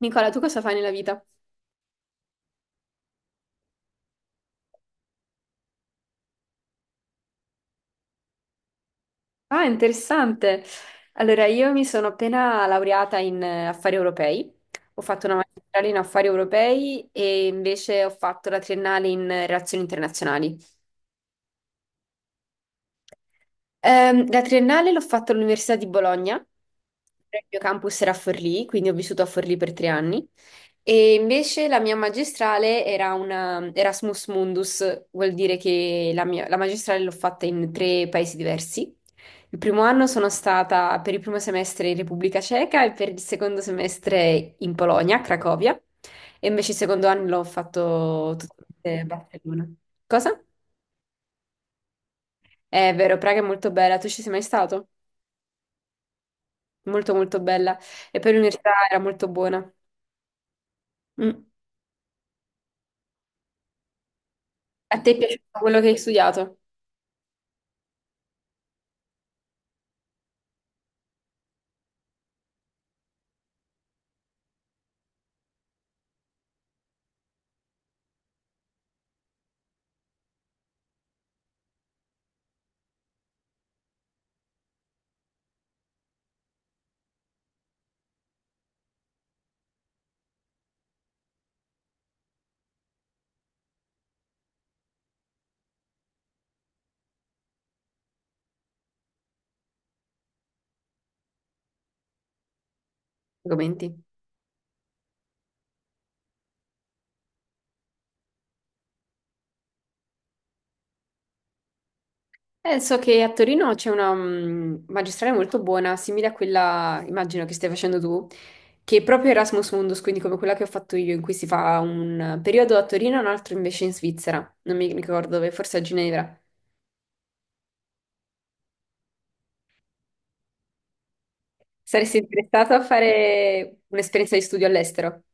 Nicola, tu cosa fai nella vita? Ah, interessante. Allora, io mi sono appena laureata in affari europei, ho fatto una magistrale in affari europei e invece ho fatto la triennale in relazioni internazionali. La triennale l'ho fatta all'Università di Bologna, il mio campus era a Forlì, quindi ho vissuto a Forlì per tre anni. E invece la mia magistrale era una Erasmus Mundus, vuol dire che la magistrale l'ho fatta in tre paesi diversi. Il primo anno sono stata per il primo semestre in Repubblica Ceca e per il secondo semestre in Polonia, a Cracovia, e invece il secondo anno l'ho fatto tutto a Barcellona. Cosa? È vero, Praga è molto bella, tu ci sei mai stato? Molto molto bella, e poi l'università era molto buona. Mm. A te è piaciuto quello che hai studiato? Argomenti. So che a Torino c'è una magistrale molto buona, simile a quella, immagino, che stai facendo tu, che è proprio Erasmus Mundus, quindi come quella che ho fatto io, in cui si fa un periodo a Torino e un altro invece in Svizzera, non mi ricordo dove, forse a Ginevra. Saresti interessato a fare un'esperienza di studio all'estero?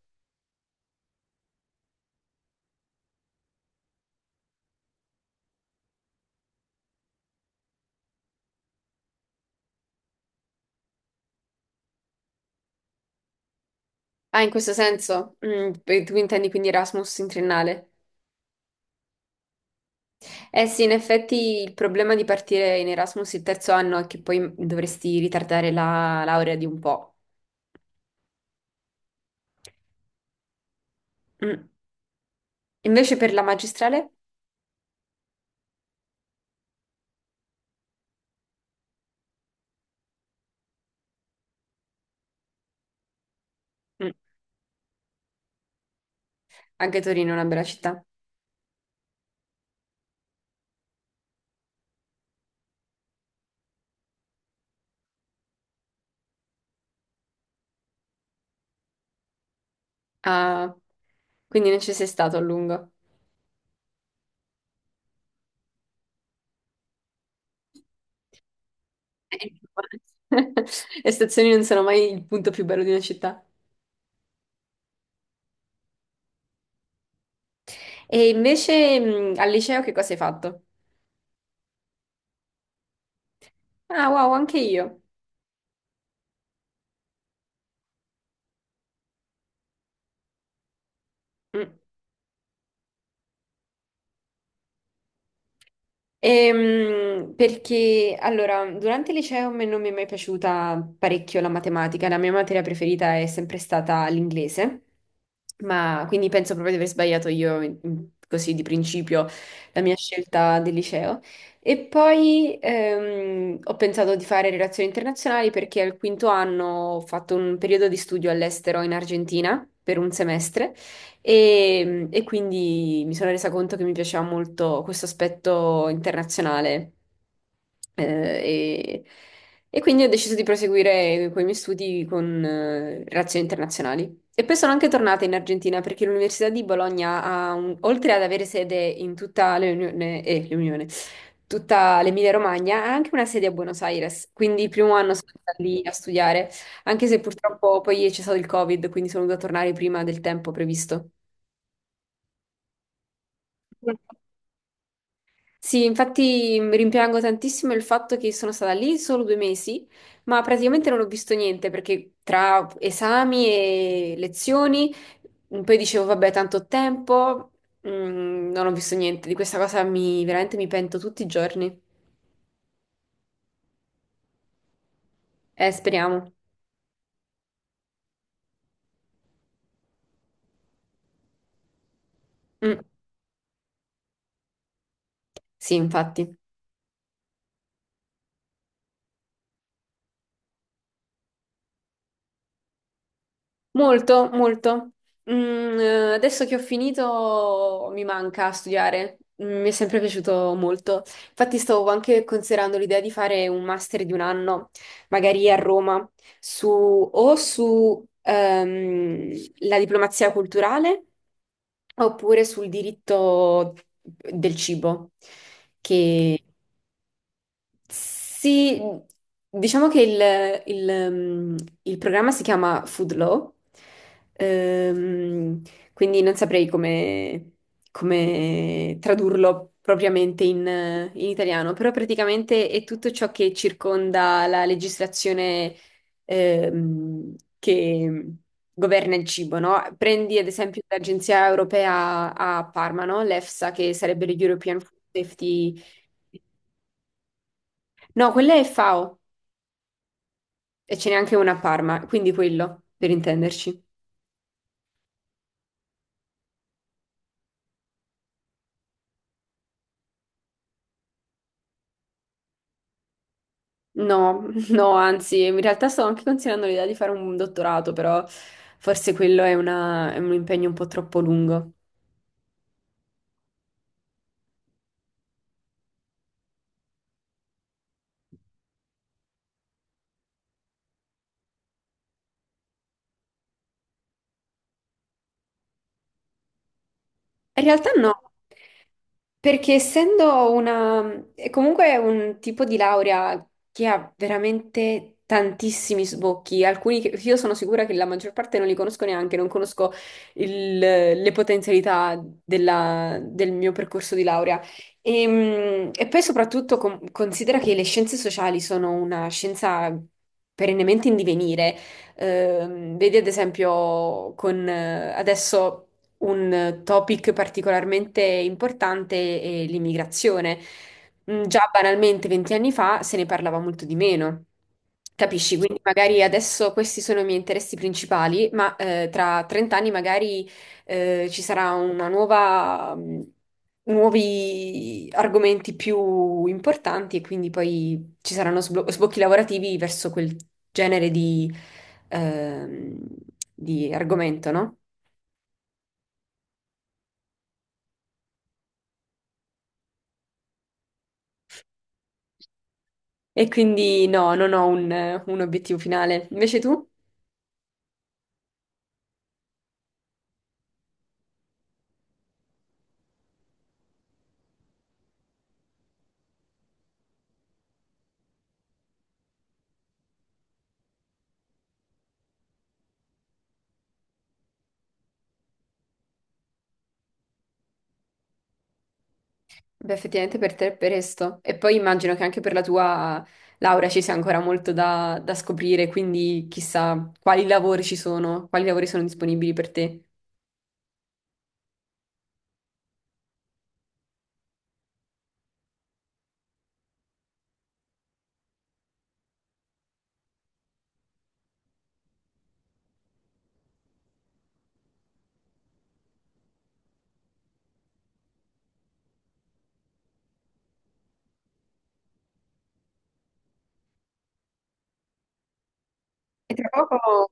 Ah, in questo senso? Mm, tu intendi quindi Erasmus in triennale? Eh sì, in effetti il problema di partire in Erasmus il terzo anno è che poi dovresti ritardare la laurea di un po'. Mm. Invece per la magistrale, mm, anche Torino è una bella città. Ah, quindi non ci sei stato a lungo. Eh, le stazioni non sono mai il punto più bello di una città. E invece al liceo che cosa hai fatto? Ah, wow, anche io. Mm. Perché allora, durante il liceo a me non mi è mai piaciuta parecchio la matematica, la mia materia preferita è sempre stata l'inglese, ma quindi penso proprio di aver sbagliato io così di principio la mia scelta del liceo. E poi ho pensato di fare relazioni internazionali perché al quinto anno ho fatto un periodo di studio all'estero in Argentina per un semestre. E quindi mi sono resa conto che mi piaceva molto questo aspetto internazionale. Eh, e, e quindi ho deciso di proseguire con i miei studi con relazioni internazionali. E poi sono anche tornata in Argentina perché l'Università di Bologna oltre ad avere sede in tutta l'Unione, tutta l'Emilia-Romagna, ha anche una sede a Buenos Aires. Quindi il primo anno sono stata lì a studiare, anche se purtroppo poi c'è stato il Covid, quindi sono dovuta tornare prima del tempo previsto. Sì, infatti rimpiango tantissimo il fatto che sono stata lì solo due mesi, ma praticamente non ho visto niente perché tra esami e lezioni, poi dicevo, vabbè, tanto ho tempo, non ho visto niente. Di questa cosa mi, veramente mi pento tutti i giorni. Speriamo. Mm, sì, infatti. Molto, molto. Mm, adesso che ho finito mi manca studiare. Mm, mi è sempre piaciuto molto. Infatti stavo anche considerando l'idea di fare un master di un anno, magari a Roma, su, o su la diplomazia culturale oppure sul diritto del cibo. Mm. Che sì, diciamo che il, il, mm, il programma si chiama Food Law, ehm, quindi non saprei come, come tradurlo propriamente in, in italiano, però praticamente è tutto ciò che circonda la legislazione, che governa il cibo, no? Prendi ad esempio l'Agenzia Europea a Parma, no? L'EFSA, che sarebbe l'European Food Safety... No, quella è FAO. E ce n'è anche una a Parma, quindi quello, per intenderci. No, no, anzi, in realtà sto anche considerando l'idea di fare un dottorato, però forse quello è un impegno un po' troppo lungo. In realtà no, perché essendo una, è comunque un tipo di laurea che ha veramente tantissimi sbocchi, alcuni che io sono sicura che la maggior parte non li conosco neanche, non conosco le potenzialità del mio percorso di laurea. E poi soprattutto considera che le scienze sociali sono una scienza perennemente in divenire. Vedi ad esempio con adesso un topic particolarmente importante è l'immigrazione. Mm, già banalmente 20 anni fa se ne parlava molto di meno. Capisci? Quindi magari adesso questi sono i miei interessi principali, ma tra 30 anni magari ci sarà una nuova, nuovi argomenti più importanti e quindi poi ci saranno sbocchi lavorativi verso quel genere ehm, di argomento, no? E quindi no, non ho un obiettivo finale. Invece tu? Beh, effettivamente per te è presto. E poi immagino che anche per la tua laurea ci sia ancora molto da, da scoprire, quindi chissà quali lavori ci sono, quali lavori sono disponibili per te. E tra poco...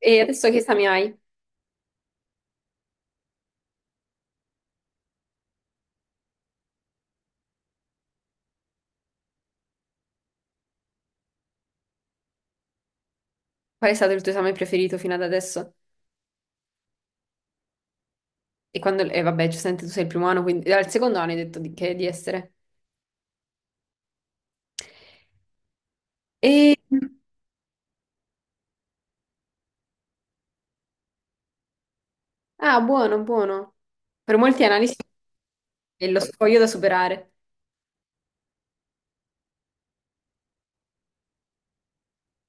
E adesso che esami hai? Qual è stato il tuo esame preferito fino ad adesso? E quando... E vabbè, giustamente tu sei il primo anno, quindi al secondo anno hai detto di, che di essere. E... Ah, buono, buono. Per molti analisti è lo scoglio da superare.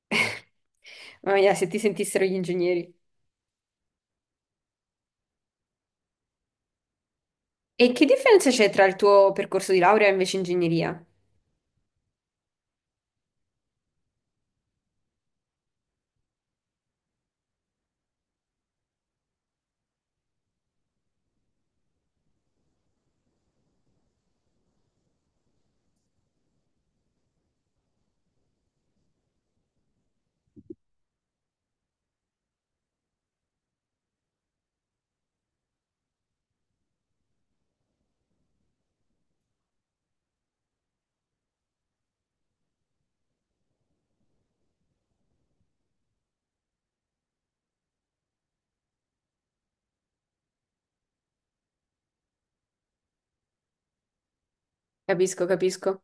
Mamma mia, se ti sentissero gli ingegneri. E che differenza c'è tra il tuo percorso di laurea e invece ingegneria? Capisco, capisco.